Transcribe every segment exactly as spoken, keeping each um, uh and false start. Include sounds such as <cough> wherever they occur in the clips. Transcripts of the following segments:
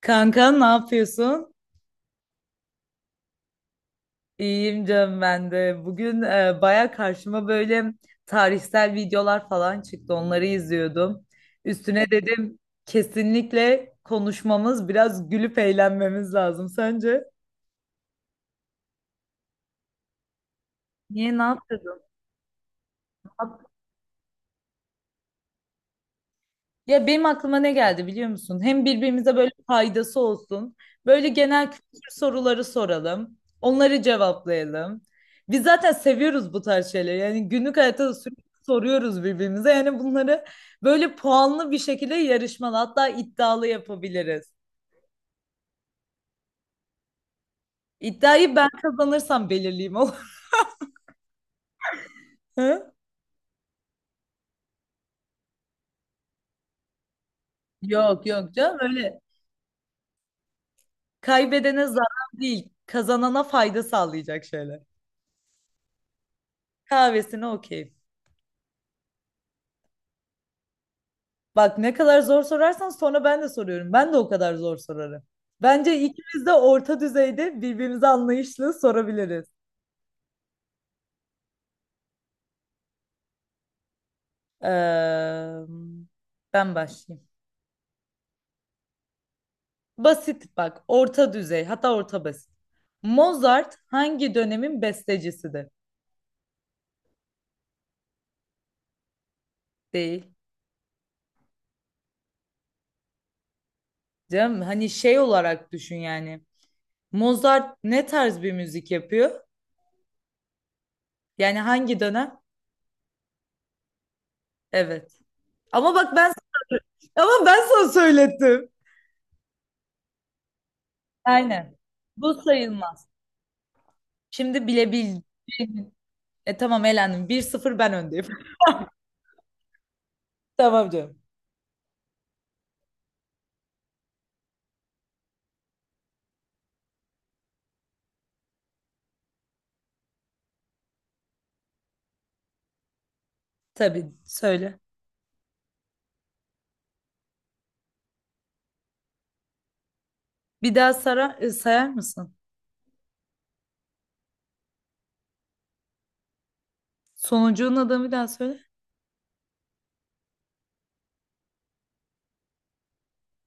Kanka ne yapıyorsun? İyiyim canım ben de. Bugün e, baya karşıma böyle tarihsel videolar falan çıktı. Onları izliyordum. Üstüne dedim kesinlikle konuşmamız, biraz gülüp eğlenmemiz lazım. Sence? Niye ne yapıyordun? Ya benim aklıma ne geldi biliyor musun? Hem birbirimize böyle faydası olsun. Böyle genel kültür soruları soralım. Onları cevaplayalım. Biz zaten seviyoruz bu tarz şeyleri. Yani günlük hayatta da sürekli soruyoruz birbirimize. Yani bunları böyle puanlı bir şekilde yarışmalı hatta iddialı yapabiliriz. İddiayı ben kazanırsam belirleyeyim olur. mu? <laughs> Yok yok canım öyle kaybedene zarar değil. Kazanana fayda sağlayacak şeyler. Kahvesine okey. Bak ne kadar zor sorarsan sonra ben de soruyorum. Ben de o kadar zor sorarım. Bence ikimiz de orta düzeyde birbirimize anlayışlı sorabiliriz. Eee, Ben başlayayım. Basit bak, orta düzey, hatta orta basit. Mozart hangi dönemin bestecisidir? Değil. Canım hani şey olarak düşün yani. Mozart ne tarz bir müzik yapıyor? Yani hangi dönem? Evet. Ama bak ben ama ben sana söylettim. Aynen. Bu sayılmaz. Şimdi bilebileceğin... E tamam elendim. Bir sıfır, ben öndeyim. <laughs> Tamam canım. Tabii söyle. Bir daha sara, e, sayar mısın? Sonucunun adını bir daha söyle.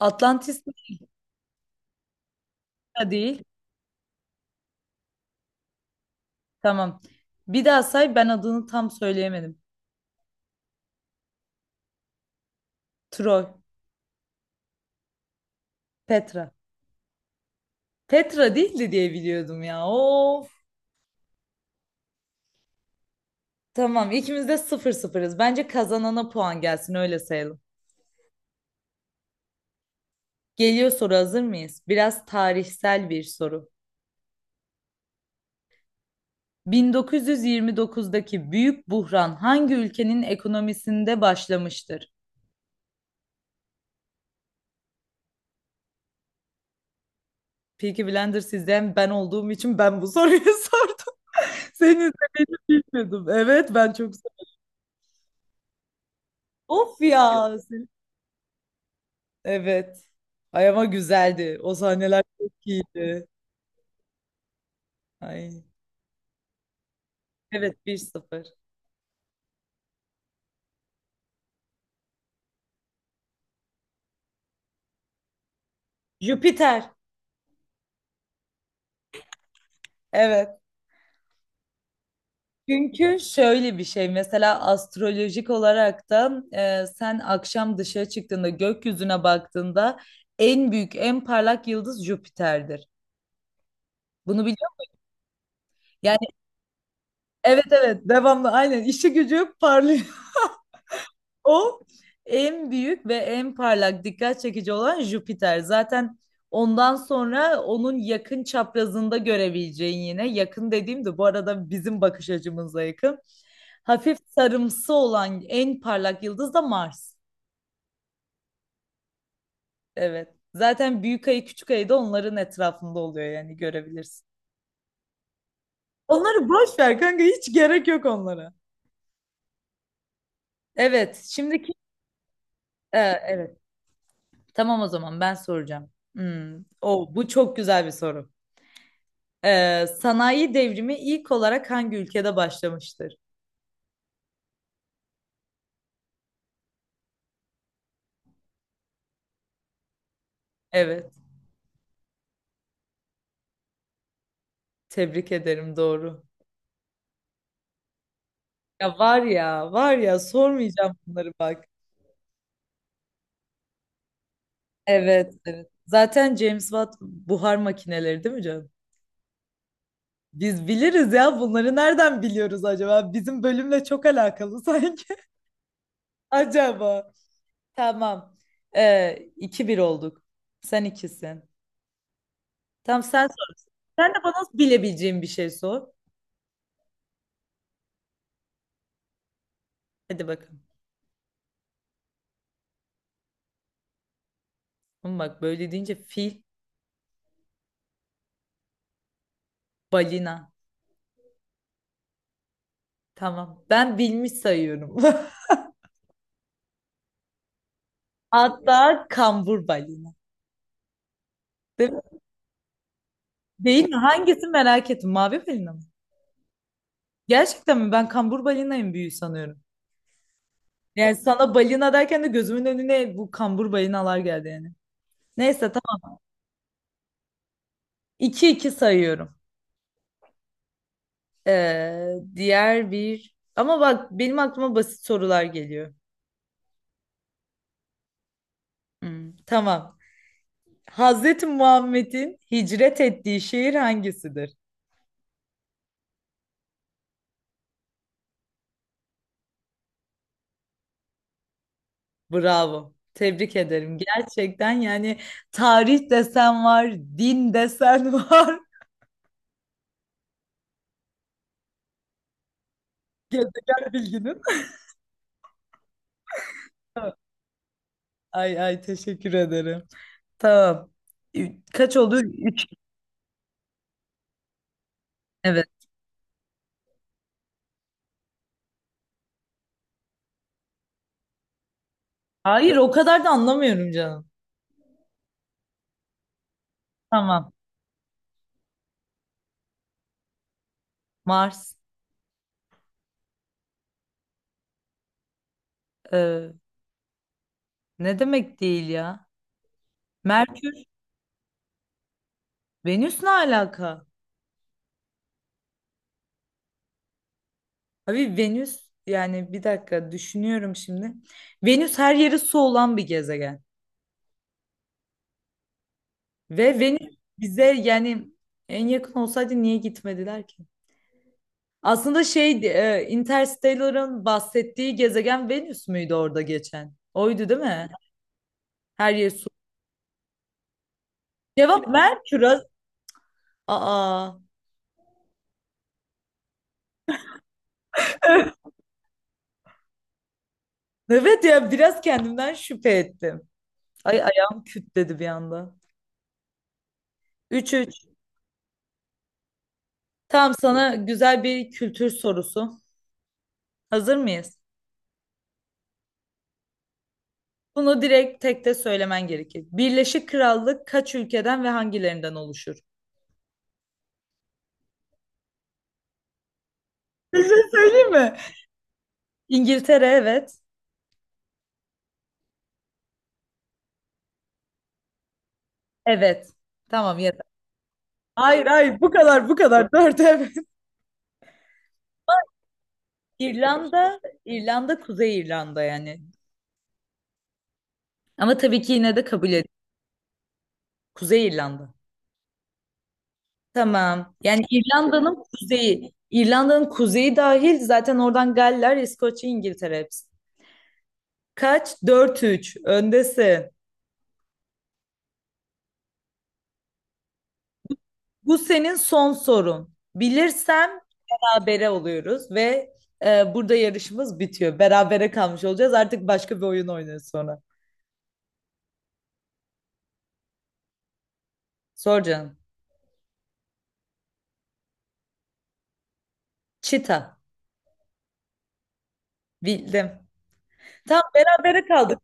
Atlantis. Petra değil. Tamam. Bir daha say ben adını tam söyleyemedim. Troy. Petra. Petra değildi diye biliyordum ya. Of. Tamam ikimiz de sıfır sıfırız. Bence kazanana puan gelsin öyle sayalım. Geliyor soru hazır mıyız? Biraz tarihsel bir soru. bin dokuz yüz yirmi dokuzdaki büyük buhran hangi ülkenin ekonomisinde başlamıştır? Peaky Blender sizden ben olduğum için ben bu soruyu <laughs> sordum. Seni de bilmiyordum. Evet ben çok sor- Of ya. sen- Evet. Ay ama güzeldi. O sahneler çok iyiydi. Ay. Evet, bir sıfır. Jüpiter. Evet. Çünkü şöyle bir şey mesela astrolojik olarak da e, sen akşam dışarı çıktığında gökyüzüne baktığında en büyük en parlak yıldız Jüpiter'dir. Bunu biliyor musun? Yani evet evet devamlı aynen işi gücü parlıyor. O en büyük ve en parlak dikkat çekici olan Jüpiter. Zaten ondan sonra onun yakın çaprazında görebileceğin yine yakın dediğim de bu arada bizim bakış açımıza yakın. Hafif sarımsı olan en parlak yıldız da Mars. Evet. Zaten büyük ayı küçük ayı da onların etrafında oluyor yani görebilirsin. Onları boş ver kanka hiç gerek yok onlara. Evet, şimdiki e, evet. Tamam o zaman ben soracağım. Hmm. O bu çok güzel bir soru. Ee, sanayi devrimi ilk olarak hangi ülkede başlamıştır? Evet, tebrik ederim doğru. Ya var ya, var ya sormayacağım bunları bak. Evet, evet. Zaten James Watt buhar makineleri değil mi canım? Biz biliriz ya bunları nereden biliyoruz acaba? Bizim bölümle çok alakalı sanki. <laughs> Acaba. Tamam. Ee, iki bir olduk. Sen ikisin. Tamam sen sor. Sen de bana bilebileceğim bir şey sor. Hadi bakalım. Ama bak böyle deyince fil, balina. Tamam. Ben bilmiş sayıyorum. <laughs> Hatta kambur balina. Değil mi? Değil mi? Hangisi merak ettim. Mavi balina mı? Gerçekten mi? Ben kambur balinayım büyüğü sanıyorum. Yani sana balina derken de gözümün önüne bu kambur balinalar geldi yani. Neyse tamam. iki iki sayıyorum. Ee, diğer bir... Ama bak benim aklıma basit sorular geliyor. Hmm, tamam. Hazreti Muhammed'in hicret ettiği şehir hangisidir? Bravo. Tebrik ederim. Gerçekten yani tarih desen var, din desen var. <laughs> Gezegen bilginin. <laughs> Ay ay teşekkür ederim. Tamam. Ü- Kaç oldu? Üç. Evet. Hayır o kadar da anlamıyorum canım. Tamam. Mars. Ee, Ne demek değil ya? Merkür. Venüs ne alaka? Abi Venüs yani bir dakika düşünüyorum şimdi. Venüs her yeri su olan bir gezegen. Ve Venüs bize yani en yakın olsaydı niye gitmediler ki? Aslında şeydi, e, Interstellar'ın bahsettiği gezegen Venüs müydü orada geçen? Oydu değil mi? Her yer su. Cevap Merkür. az- Aa. Evet ya biraz kendimden şüphe ettim. Ay ayağım küt dedi bir anda. Üç üç. Tamam sana güzel bir kültür sorusu. Hazır mıyız? Bunu direkt tek de söylemen gerekir. Birleşik Krallık kaç ülkeden ve hangilerinden oluşur? Bir şey söyleyeyim mi? İngiltere evet. Evet. Tamam yeter. Hayır hayır bu kadar bu kadar. <laughs> Dört evet. İrlanda, İrlanda, Kuzey İrlanda yani. Ama tabii ki yine de kabul edin. Kuzey İrlanda. Tamam. Yani İrlanda'nın kuzeyi. İrlanda'nın kuzeyi dahil zaten oradan Galler, İskoçya, İngiltere hepsi. Kaç? Dört üç. Öndesin. Bu senin son sorun. Bilirsem berabere oluyoruz ve e, burada yarışımız bitiyor. Berabere kalmış olacağız. Artık başka bir oyun oynuyoruz sonra. Sor canım. Çita. Bildim. Tam berabere kaldık.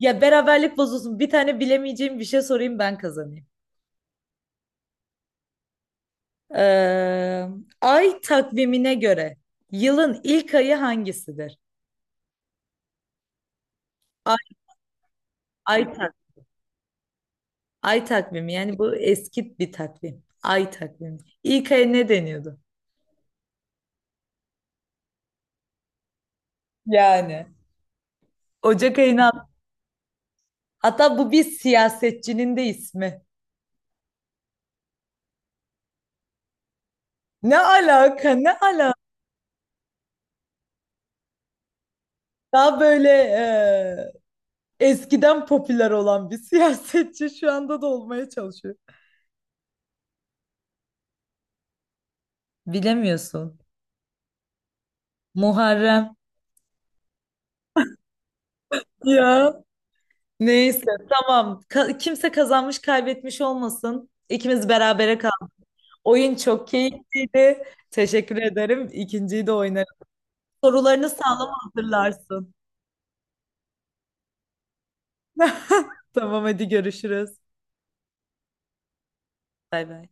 Ya beraberlik bozulsun. Bir tane bilemeyeceğim bir şey sorayım ben kazanayım. Ee, Ay takvimine göre yılın ilk ayı hangisidir? Ay, ay, tak, Ay takvimi yani bu eski bir takvim. Ay takvimi. İlk ay ne deniyordu? Yani. Ocak ayına hatta bu bir siyasetçinin de ismi. Ne alaka ne alaka? Daha böyle ee, eskiden popüler olan bir siyasetçi şu anda da olmaya çalışıyor. Bilemiyorsun. Muharrem. Ya neyse tamam. Ka- kimse kazanmış kaybetmiş olmasın. İkimiz berabere kaldık. Oyun çok keyifliydi. Teşekkür ederim. İkinciyi de oynarım. Sorularını sağlam hazırlarsın. <laughs> Tamam hadi görüşürüz. Bay bay.